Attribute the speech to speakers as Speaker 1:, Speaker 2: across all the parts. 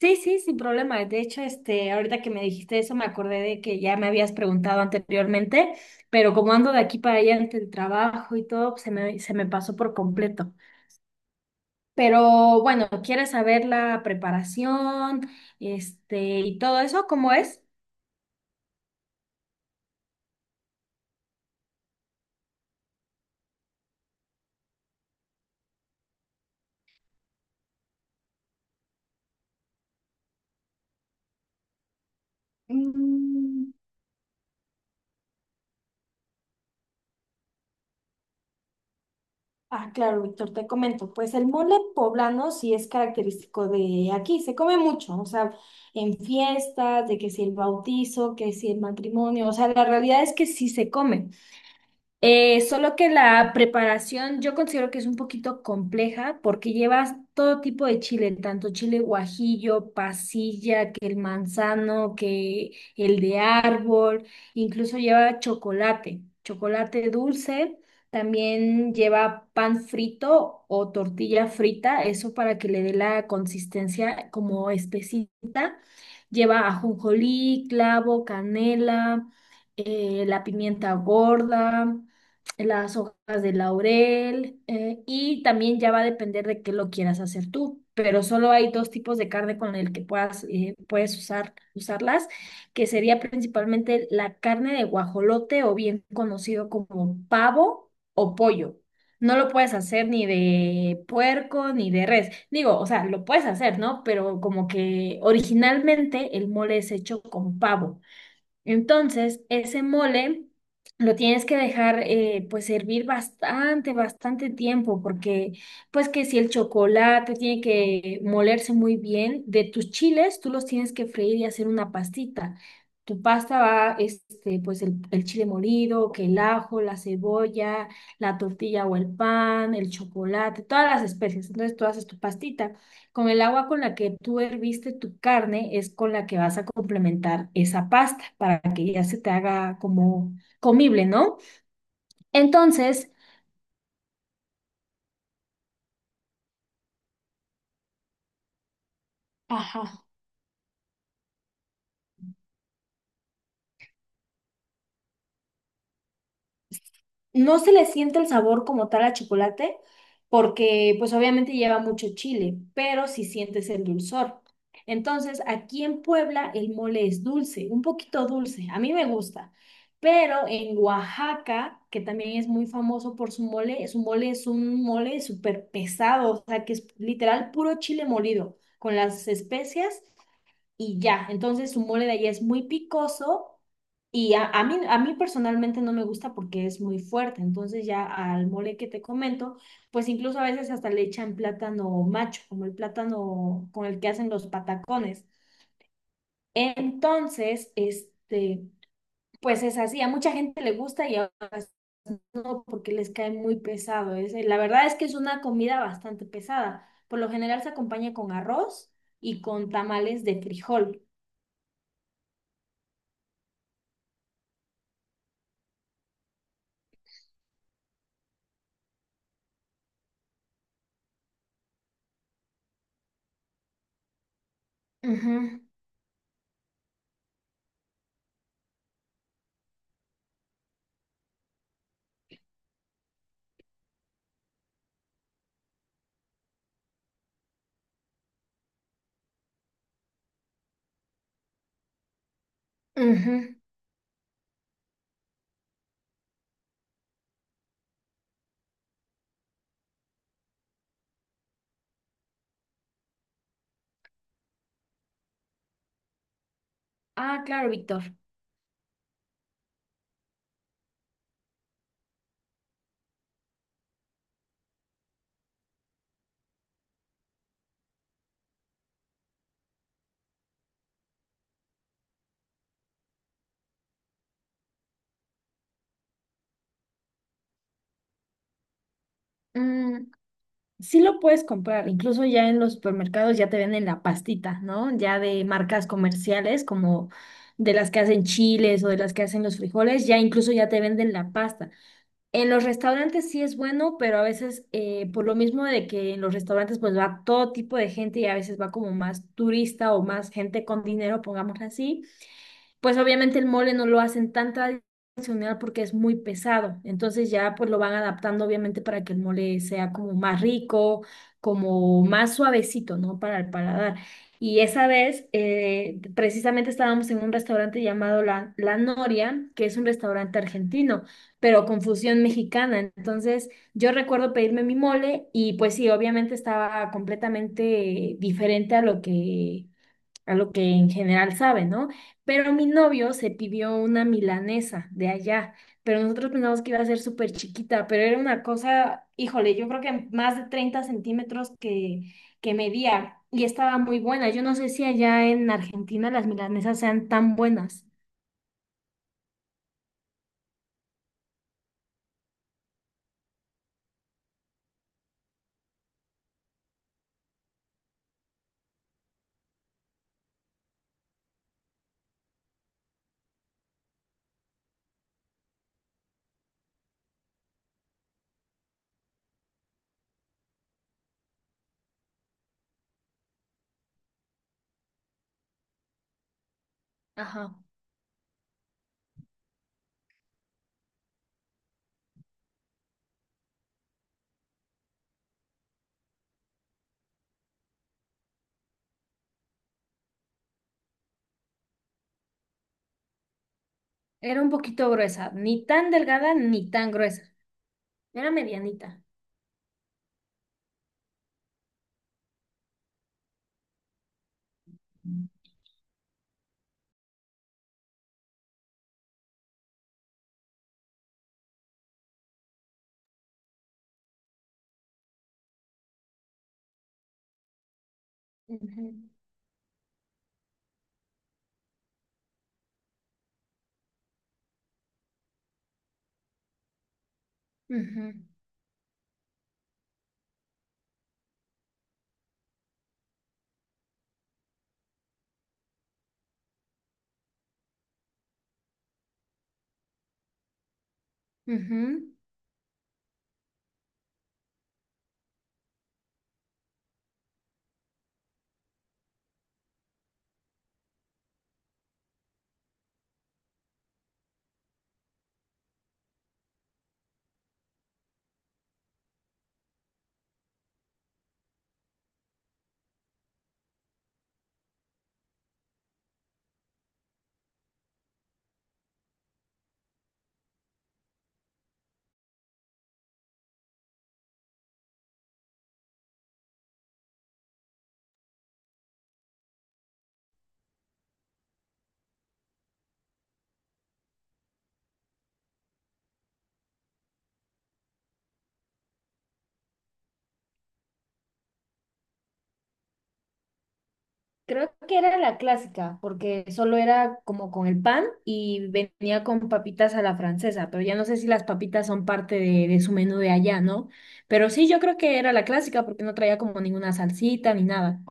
Speaker 1: Sí, sí, sin problema. De hecho, ahorita que me dijiste eso, me acordé de que ya me habías preguntado anteriormente, pero como ando de aquí para allá entre el trabajo y todo, pues, se me pasó por completo. Pero bueno, ¿quieres saber la preparación, y todo eso? ¿Cómo es? Mm. Ah, claro, Víctor, te comento. Pues el mole poblano sí es característico de aquí, se come mucho, o sea, en fiestas, de que si el bautizo, que si el matrimonio, o sea, la realidad es que sí se come. Solo que la preparación yo considero que es un poquito compleja porque llevas todo tipo de chile, tanto chile guajillo, pasilla, que el manzano, que el de árbol, incluso lleva chocolate, chocolate dulce, también lleva pan frito o tortilla frita, eso para que le dé la consistencia como espesita. Lleva ajonjolí, clavo, canela, la pimienta gorda, las hojas de laurel, y también ya va a depender de qué lo quieras hacer tú, pero solo hay dos tipos de carne con el que puedes usarlas, que sería principalmente la carne de guajolote o bien conocido como pavo o pollo. No lo puedes hacer ni de puerco ni de res. Digo, o sea, lo puedes hacer, ¿no? Pero como que originalmente el mole es hecho con pavo. Entonces, ese mole lo tienes que dejar, pues, hervir bastante, bastante tiempo, porque pues que si el chocolate tiene que molerse muy bien, de tus chiles tú los tienes que freír y hacer una pastita. Tu pasta va, pues el chile molido, que el ajo, la cebolla, la tortilla o el pan, el chocolate, todas las especies. Entonces tú haces tu pastita. Con el agua con la que tú herviste tu carne es con la que vas a complementar esa pasta para que ya se te haga como comible, ¿no? Entonces. Ajá. No se le siente el sabor como tal a chocolate, porque pues obviamente lleva mucho chile, pero sí sientes el dulzor. Entonces, aquí en Puebla el mole es dulce, un poquito dulce, a mí me gusta, pero en Oaxaca, que también es muy famoso por su mole es un mole súper pesado, o sea, que es literal puro chile molido, con las especias y ya. Entonces su mole de allá es muy picoso y a mí personalmente no me gusta porque es muy fuerte. Entonces ya al mole que te comento, pues incluso a veces hasta le echan plátano macho, como el plátano con el que hacen los patacones. Entonces, pues es así. A mucha gente le gusta y a otras no, porque les cae muy pesado. Es, la verdad es que es una comida bastante pesada. Por lo general se acompaña con arroz y con tamales de frijol. Ujú. Ujú. Ah, claro, Víctor. Mm, sí lo puedes comprar, incluso ya en los supermercados ya te venden la pastita, ¿no? Ya de marcas comerciales como de las que hacen chiles o de las que hacen los frijoles, ya incluso ya te venden la pasta. En los restaurantes sí es bueno, pero a veces, por lo mismo de que en los restaurantes pues va todo tipo de gente y a veces va como más turista o más gente con dinero, pongámoslo así, pues obviamente el mole no lo hacen tan tradicional porque es muy pesado, entonces ya pues lo van adaptando obviamente para que el mole sea como más rico, como más suavecito, ¿no? Para el paladar. Y esa vez, precisamente estábamos en un restaurante llamado La Noria, que es un restaurante argentino, pero con fusión mexicana. Entonces yo recuerdo pedirme mi mole y pues sí, obviamente estaba completamente diferente a lo que en general sabe, ¿no? Pero mi novio se pidió una milanesa de allá, pero nosotros pensamos que iba a ser súper chiquita, pero era una cosa, híjole, yo creo que más de 30 centímetros que medía y estaba muy buena. Yo no sé si allá en Argentina las milanesas sean tan buenas. Ajá. Era un poquito gruesa, ni tan delgada ni tan gruesa, era medianita. Ujú, ujú, ujú. Creo que era la clásica, porque solo era como con el pan y venía con papitas a la francesa, pero ya no sé si las papitas son parte de su menú de allá, ¿no? Pero sí, yo creo que era la clásica porque no traía como ninguna salsita ni nada.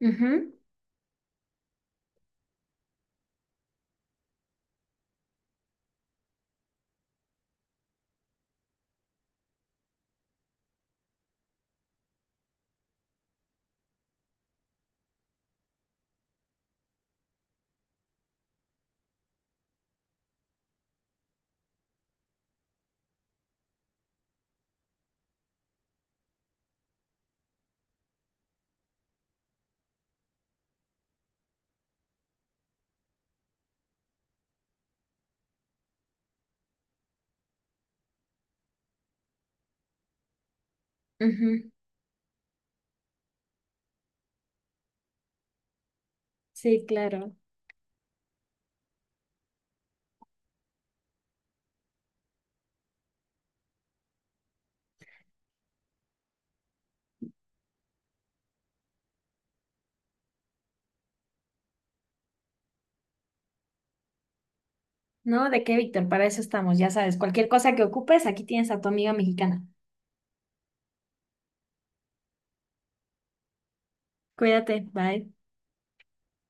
Speaker 1: Ujú, ujú. Sí, claro. No, ¿de qué, Víctor? Para eso estamos, ya sabes. Cualquier cosa que ocupes, aquí tienes a tu amiga mexicana. Cuídate, bye.